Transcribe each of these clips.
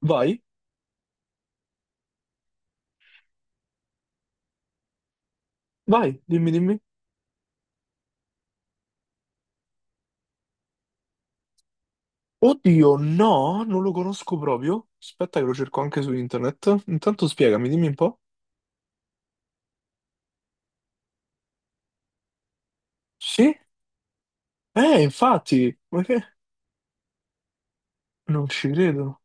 Vai, vai, dimmi, dimmi. Oddio, no, non lo conosco proprio. Aspetta che lo cerco anche su internet. Intanto spiegami, dimmi un po'. Sì? Infatti, ma che... Non ci credo.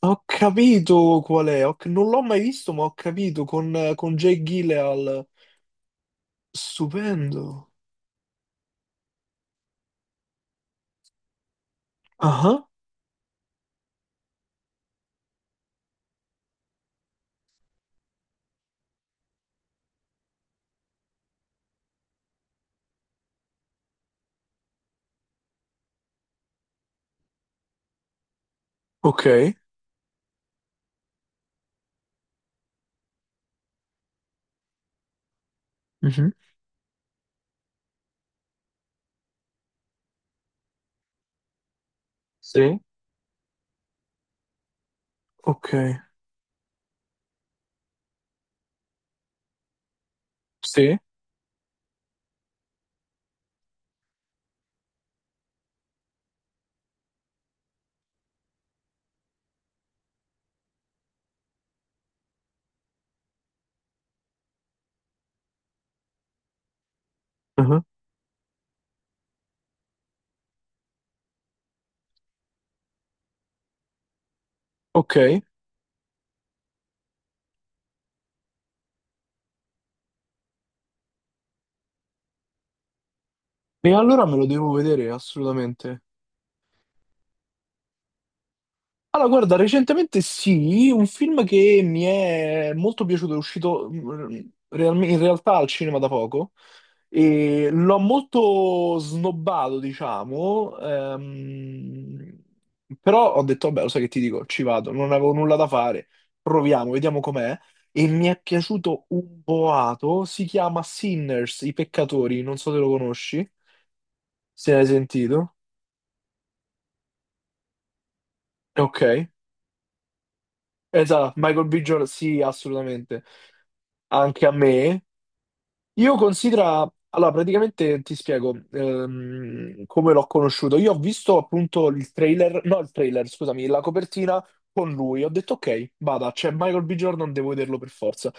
Ho capito qual è, non l'ho mai visto, ma ho capito, con Jake Gyllenhaal. Stupendo. Ah, ok. Mhm. Sì. Ok. Sì. Ah, ok. E allora me lo devo vedere, assolutamente. Allora, guarda, recentemente sì, un film che mi è molto piaciuto, è uscito in realtà al cinema da poco e l'ho molto snobbato, diciamo, però ho detto, vabbè, lo sai che ti dico, ci vado, non avevo nulla da fare, proviamo, vediamo com'è e mi è piaciuto un boato, si chiama Sinners, I peccatori, non so se lo conosci, se ne hai sentito. Ok, esatto, Michael B. Jordan, sì, assolutamente. Anche a me. Io considero, allora praticamente ti spiego come l'ho conosciuto. Io ho visto appunto il trailer, no il trailer, scusami, la copertina con lui. Ho detto ok, vada, c'è Michael B. Jordan, devo vederlo per forza.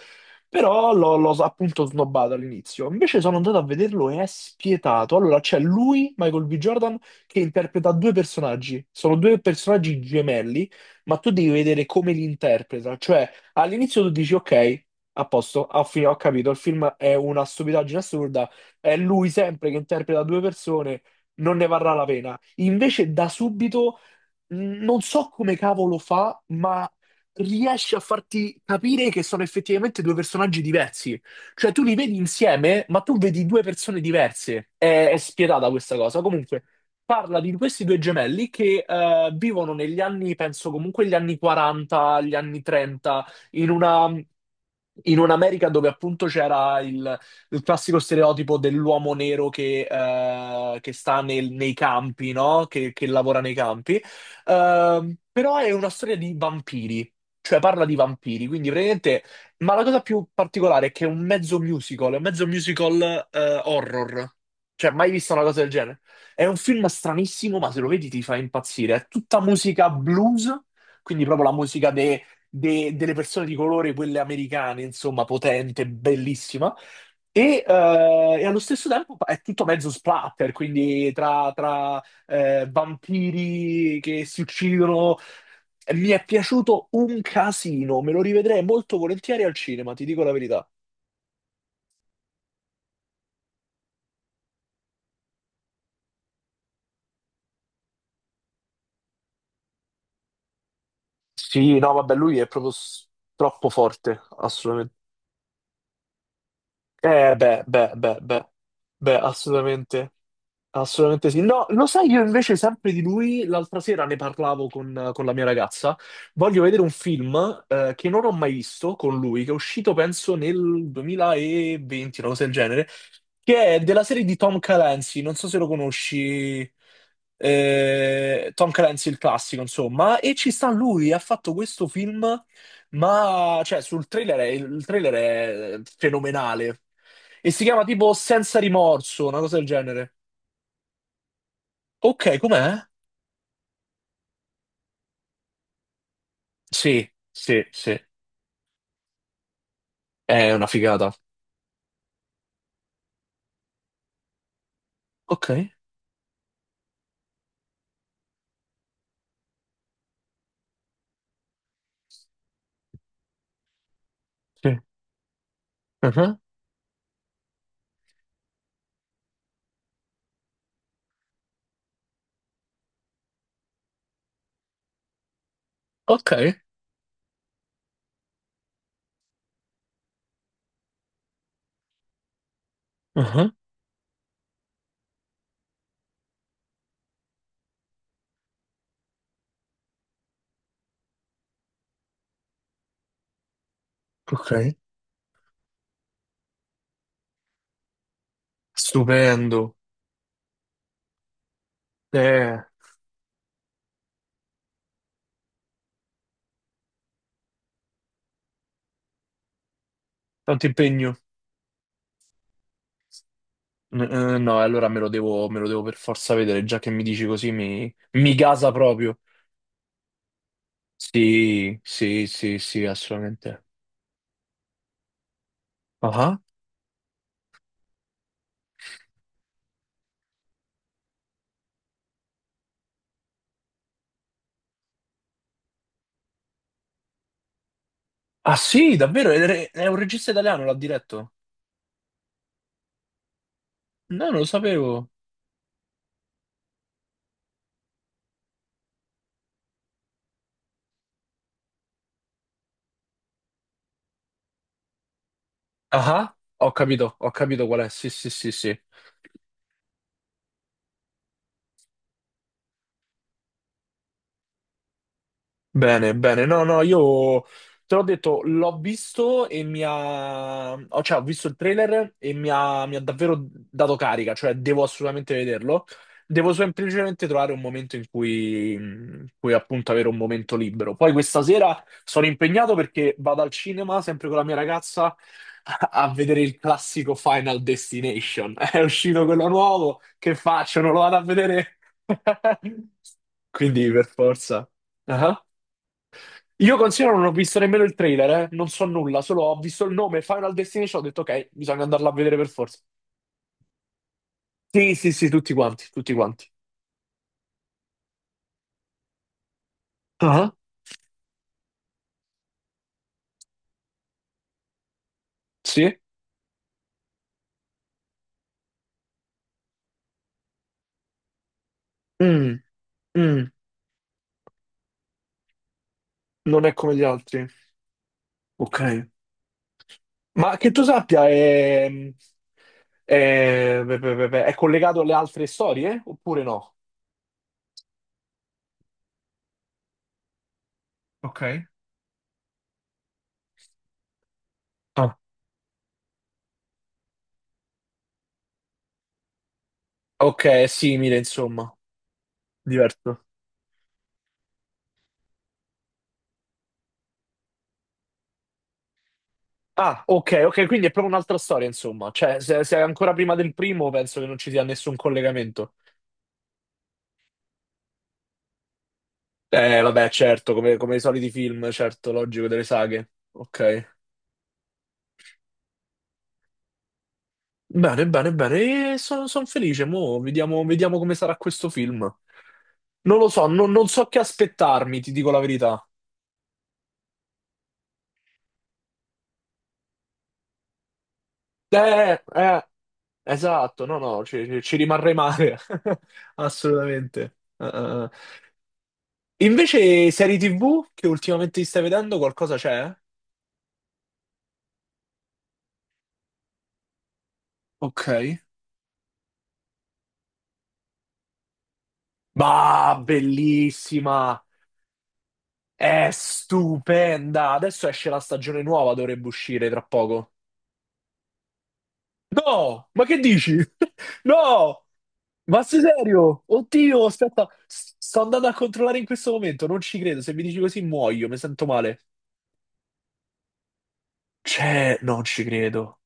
Però l'ho appunto snobbato all'inizio. Invece sono andato a vederlo e è spietato. Allora c'è lui, Michael B. Jordan, che interpreta due personaggi. Sono due personaggi gemelli, ma tu devi vedere come li interpreta. Cioè, all'inizio tu dici ok. A posto, ah, ho capito, il film è una stupidaggine assurda, è lui sempre che interpreta due persone, non ne varrà la pena. Invece da subito non so come cavolo fa, ma riesce a farti capire che sono effettivamente due personaggi diversi. Cioè, tu li vedi insieme, ma tu vedi due persone diverse. È spietata questa cosa. Comunque, parla di questi due gemelli che vivono negli anni, penso comunque gli anni 40, gli anni 30, in una... In un'America dove appunto c'era il classico stereotipo dell'uomo nero che sta nei campi, no? Che lavora nei campi. Però è una storia di vampiri, cioè parla di vampiri, quindi praticamente... Ma la cosa più particolare è che è un mezzo musical, è un mezzo musical horror. Cioè, mai visto una cosa del genere? È un film stranissimo, ma se lo vedi ti fa impazzire. È tutta musica blues, quindi proprio la musica delle persone di colore, quelle americane, insomma, potente, bellissima. E, eh, e allo stesso tempo è tutto mezzo splatter, quindi tra vampiri che si uccidono. Mi è piaciuto un casino, me lo rivedrei molto volentieri al cinema, ti dico la verità. Sì, no, vabbè, lui è proprio troppo forte, assolutamente. Beh, beh, beh, beh, beh, assolutamente, assolutamente sì. No, lo sai, io invece sempre di lui, l'altra sera ne parlavo con la mia ragazza, voglio vedere un film che non ho mai visto con lui, che è uscito penso nel 2020, una cosa del genere, che è della serie di Tom Clancy, non so se lo conosci, Tom Clancy il classico, insomma, e ci sta lui, ha fatto questo film ma, cioè, sul trailer, il trailer è fenomenale. E si chiama tipo Senza rimorso, una cosa del genere. Ok, com'è? Sì, sì, sì. È una figata. Ok, sì. Mhm. Ok, mhm. Ok. Stupendo. Eh, tanto impegno. No, allora me lo devo per forza vedere, già che mi dici così mi gasa proprio. Sì, sì, sì, sì, assolutamente. Ah. Ah sì, davvero? È un regista italiano, l'ha diretto? No, non lo sapevo. Ah, ah, ho capito qual è. Sì, sì, sì, sì. Bene, bene. No, no, io te l'ho detto, l'ho visto e mi ha... oh, cioè, ho visto il trailer e mi ha davvero dato carica, cioè devo assolutamente vederlo. Devo semplicemente trovare un momento in cui appunto avere un momento libero. Poi questa sera sono impegnato perché vado al cinema sempre con la mia ragazza a vedere il classico Final Destination. È uscito quello nuovo, che faccio? Non lo vado a vedere? Quindi per forza. Io considero non ho visto nemmeno il trailer, eh. Non so nulla, solo ho visto il nome Final Destination, ho detto ok, bisogna andarla a vedere per forza. Sì, sì, sì, tutti quanti, tutti quanti. Ah, sì? Mm, mm, non è come gli altri. Ok. Ma che tu sappia, è, beh, beh, beh, beh, è collegato alle altre storie, oppure no? Ok. Ah. Ok, è simile, insomma. Diverso. Ah, ok, ok, quindi è proprio un'altra storia, insomma. Cioè, se è ancora prima del primo, penso che non ci sia nessun collegamento. Vabbè, certo, come i soliti film, certo, logico delle saghe. Ok. Bene, bene, bene. E sono felice. Mo' vediamo, vediamo come sarà questo film. Non lo so, non so che aspettarmi, ti dico la verità. Eh, eh, esatto, no, no, ci rimarrei male. Assolutamente. Eh. Invece, serie TV che ultimamente ti stai vedendo, qualcosa c'è? Ok. Bah, bellissima! È stupenda! Adesso esce la stagione nuova, dovrebbe uscire tra poco. No! Ma che dici? No! Ma sei serio? Oddio, aspetta, sto andando a controllare in questo momento, non ci credo. Se mi dici così muoio, mi sento male. Cioè, non ci credo.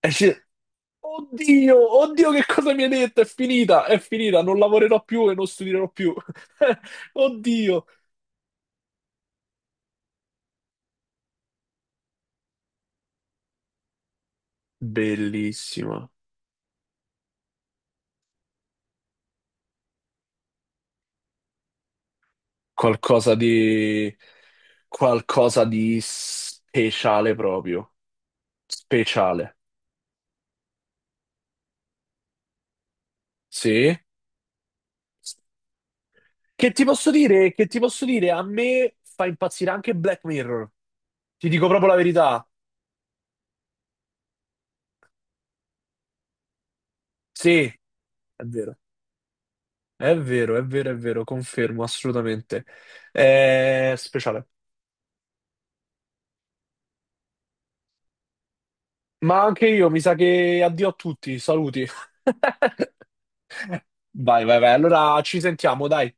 Esce... Oddio, oddio, che cosa mi hai detto? È finita, non lavorerò più e non studierò più. Oddio. Bellissima. Qualcosa di... qualcosa di speciale proprio. Speciale. Sì. Che ti posso dire? Che ti posso dire? A me fa impazzire anche Black Mirror. Ti dico proprio la verità. Sì, è vero. È vero, è vero, è vero, confermo assolutamente. È speciale. Ma anche io, mi sa che addio a tutti, saluti. Vai, vai, vai. Allora ci sentiamo, dai.